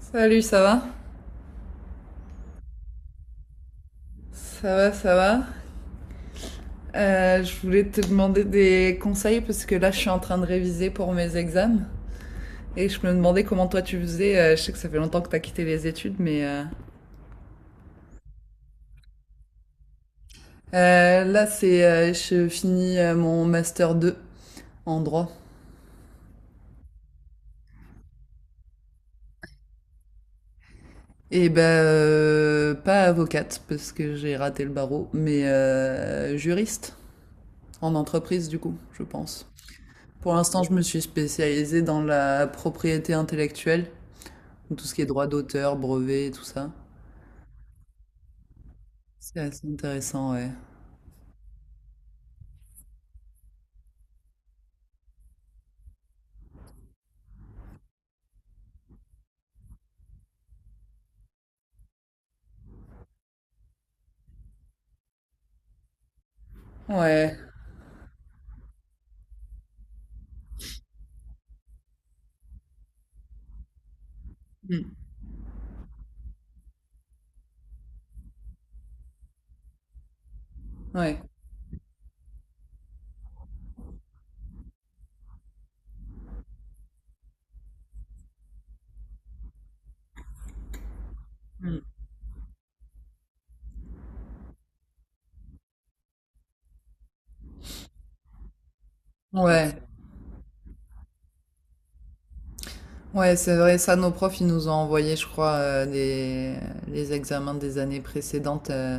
Salut, ça va? Ça va, ça va. Je voulais te demander des conseils parce que là, je suis en train de réviser pour mes examens et je me demandais comment toi tu faisais. Je sais que ça fait longtemps que t'as quitté les études, mais là, c'est je finis mon master 2 en droit. Et ben pas avocate parce que j'ai raté le barreau, mais juriste en entreprise du coup, je pense. Pour l'instant, je me suis spécialisée dans la propriété intellectuelle. Tout ce qui est droit d'auteur, brevet, tout ça. C'est assez intéressant, ouais. Ouais. Mm. Ouais. Mm. Ouais. Ouais, c'est vrai, ça, nos profs, ils nous ont envoyé, je crois, les examens des années précédentes.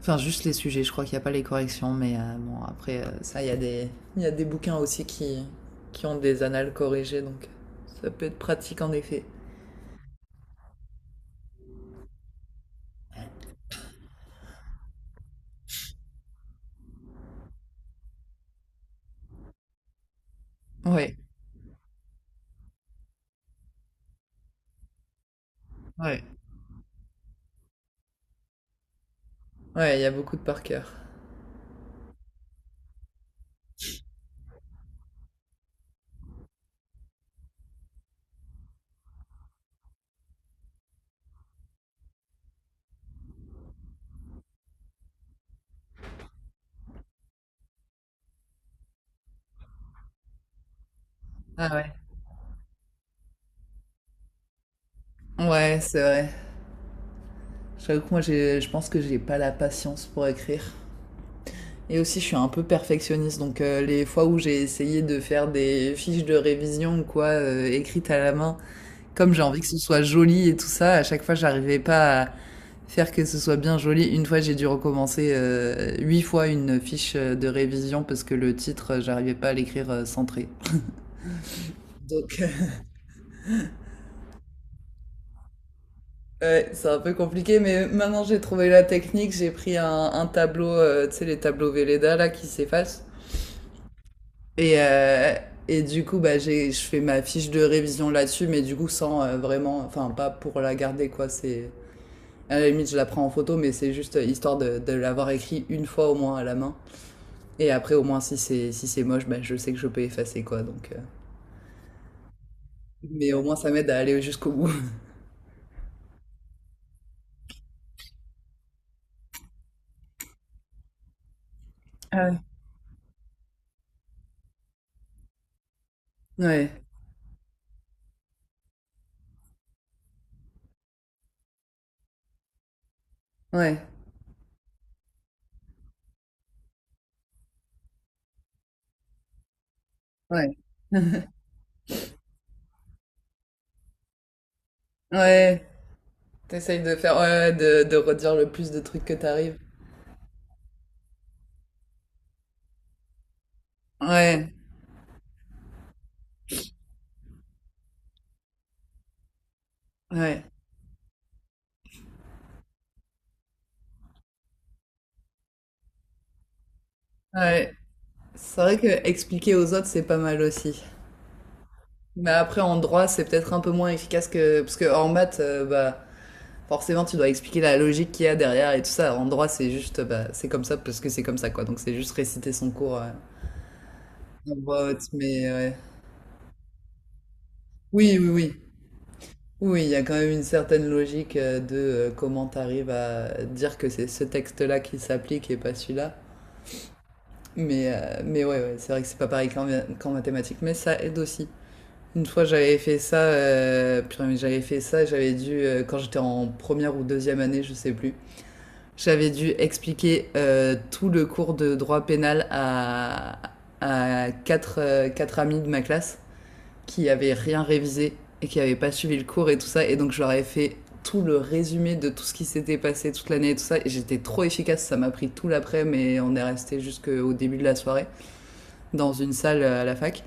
Enfin, juste les sujets, je crois qu'il n'y a pas les corrections, mais bon, après, ça, il y a il y a des bouquins aussi qui ont des annales corrigées, donc ça peut être pratique en effet. Ouais, ouais. Ouais, il y a beaucoup de par cœur. Ah ouais. Ouais, c'est vrai. J'avoue que moi, je pense que j'ai pas la patience pour écrire. Et aussi, je suis un peu perfectionniste, donc les fois où j'ai essayé de faire des fiches de révision ou quoi, écrites à la main, comme j'ai envie que ce soit joli et tout ça, à chaque fois, j'arrivais pas à faire que ce soit bien joli. Une fois, j'ai dû recommencer huit fois une fiche de révision parce que le titre, j'arrivais pas à l'écrire centré. Donc, ouais, c'est un peu compliqué, mais maintenant j'ai trouvé la technique. J'ai pris un tableau, tu sais, les tableaux Velleda là qui s'effacent. Et, euh, et du coup, bah, je fais ma fiche de révision là-dessus, mais du coup, sans vraiment, enfin, pas pour la garder, quoi. À la limite, je la prends en photo, mais c'est juste histoire de l'avoir écrit une fois au moins à la main. Et après, au moins, si c'est moche, bah, je sais que je peux effacer, quoi. Donc, mais au moins, ça m'aide à aller jusqu'au bout. Ah ouais. Ouais, ouais, ouais. Ouais, t'essayes de faire, ouais, ouais, de redire le plus de trucs que t'arrives. Ouais, ouais, ouais. C'est vrai que expliquer aux autres, c'est pas mal aussi. Mais après, en droit, c'est peut-être un peu moins efficace que. Parce que en maths, bah, forcément, tu dois expliquer la logique qu'il y a derrière et tout ça. En droit, c'est juste. Bah, c'est comme ça parce que c'est comme ça, quoi. Donc, c'est juste réciter son cours en voix haute. Mais ouais. Oui, oui, oui. Oui, il y a quand même une certaine logique de comment t'arrives à dire que c'est ce texte-là qui s'applique et pas celui-là. Mais ouais, ouais, c'est vrai que c'est pas pareil qu'en mathématiques, mais ça aide aussi. Une fois, j'avais fait ça, purée, mais j'avais fait ça, j'avais dû, quand j'étais en première ou deuxième année, je sais plus, j'avais dû expliquer tout le cours de droit pénal à quatre amis de ma classe qui avaient rien révisé et qui n'avaient pas suivi le cours et tout ça. Et donc, je leur ai fait tout le résumé de tout ce qui s'était passé toute l'année et tout ça. Et j'étais trop efficace, ça m'a pris tout l'après, mais on est resté jusqu'au début de la soirée dans une salle à la fac.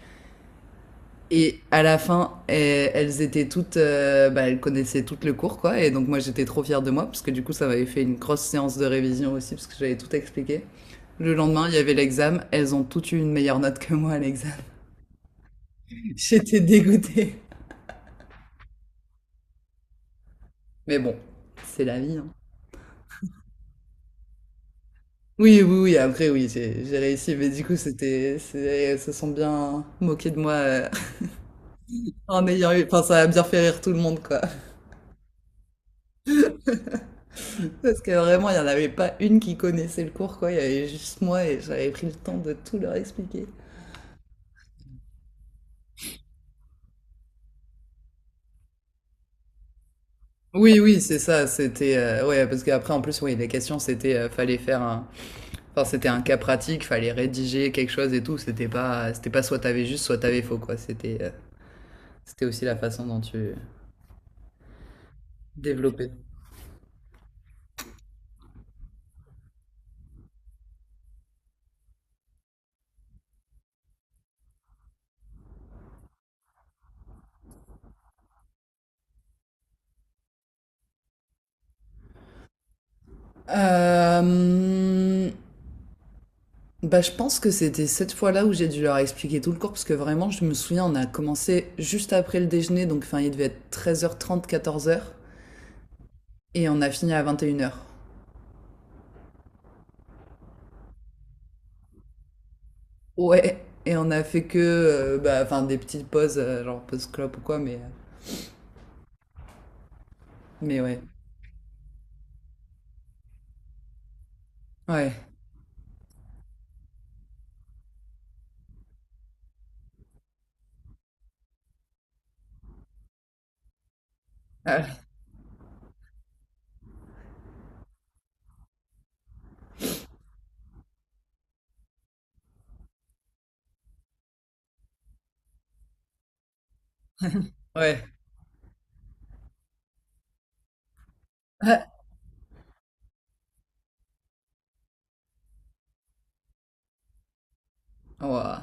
Et à la fin, eh, elles étaient toutes, bah, elles connaissaient toutes le cours, quoi. Et donc moi, j'étais trop fière de moi, parce que du coup, ça m'avait fait une grosse séance de révision aussi, parce que j'avais tout expliqué. Le lendemain, il y avait l'examen. Elles ont toutes eu une meilleure note que moi à l'examen. J'étais dégoûtée. Mais bon, c'est la vie, hein. Oui, oui, oui. Après, oui, j'ai réussi, mais du coup, elles se sont bien moquées de moi. En ayant eu, enfin, ça a bien fait rire tout le monde, quoi. Parce que vraiment, il n'y en avait pas une qui connaissait le cours, quoi. Il y avait juste moi et j'avais pris le temps de tout leur expliquer. Oui, oui, c'est ça. C'était ouais, parce qu'après en plus, oui, les questions c'était fallait faire un, enfin c'était un cas pratique, fallait rédiger quelque chose et tout. C'était pas soit t'avais juste, soit t'avais faux quoi. C'était, c'était aussi la façon dont tu développais. Euh, Bah, je pense que c'était cette fois-là où j'ai dû leur expliquer tout le cours, parce que vraiment, je me souviens, on a commencé juste après le déjeuner, donc enfin, il devait être 13h30, 14h. Et on a fini à 21h. Ouais, et on a fait que bah, enfin, des petites pauses, genre pause clope ou quoi, mais ouais. Ouais. Ah, ouais. Ah, ouah.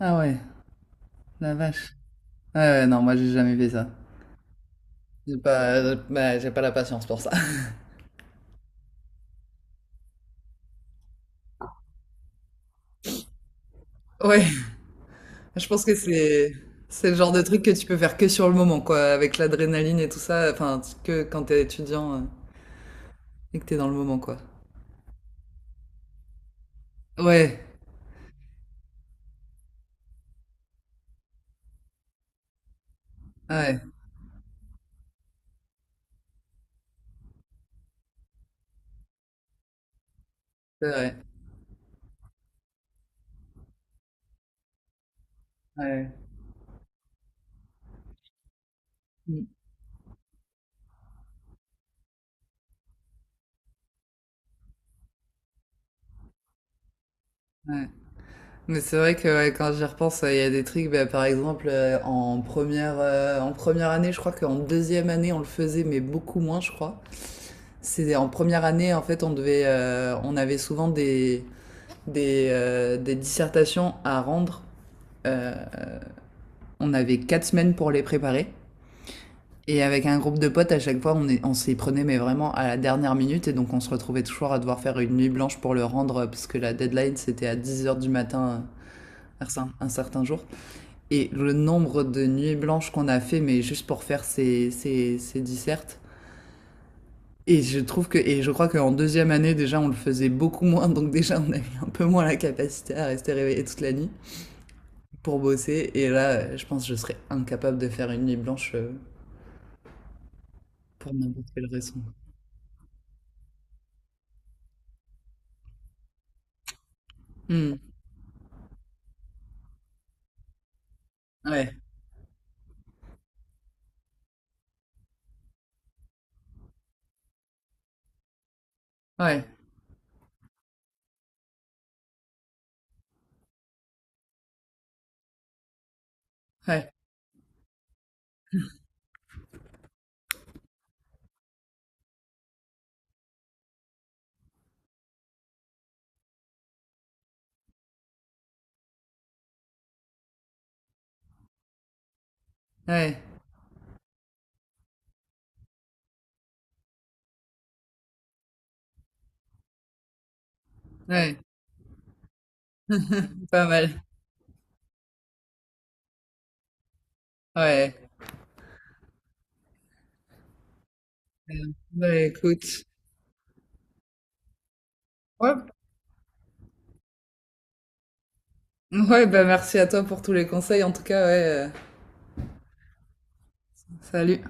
Ah ouais, la vache. Ouais, ouais, non, moi j'ai jamais fait ça. J'ai pas, bah, j'ai pas la patience pour ça. Ouais, je pense que c'est le genre de truc que tu peux faire que sur le moment, quoi, avec l'adrénaline et tout ça, enfin, que quand t'es étudiant et que t'es dans le moment, quoi. Ouais, ouais, c'est vrai. Ouais. Mm. Ouais. Mais c'est vrai que ouais, quand j'y repense, il y a des trucs, bah, par exemple, en première année, je crois qu'en deuxième année, on le faisait, mais beaucoup moins, je crois. C'est en première année, en fait, on avait souvent des, des dissertations à rendre. Euh, on avait 4 semaines pour les préparer. Et avec un groupe de potes, à chaque fois, on s'y prenait, mais vraiment à la dernière minute. Et donc, on se retrouvait toujours à devoir faire une nuit blanche pour le rendre, parce que la deadline, c'était à 10h du matin, un certain jour. Et le nombre de nuits blanches qu'on a fait, mais juste pour faire ces, ces dissertes. Et et je crois qu'en deuxième année, déjà, on le faisait beaucoup moins, donc déjà, on avait un peu moins la capacité à rester réveillé toute la nuit pour bosser. Et là, je pense que je serais incapable de faire une nuit blanche pour n'importe quelle raison. Hmm. Ouais, ouais, ouais, ouais, ouais, pas mal. Ouais. Euh, Écoute. Ouais. Ouais, bah merci à toi pour tous les conseils. En tout cas, ouais. Salut.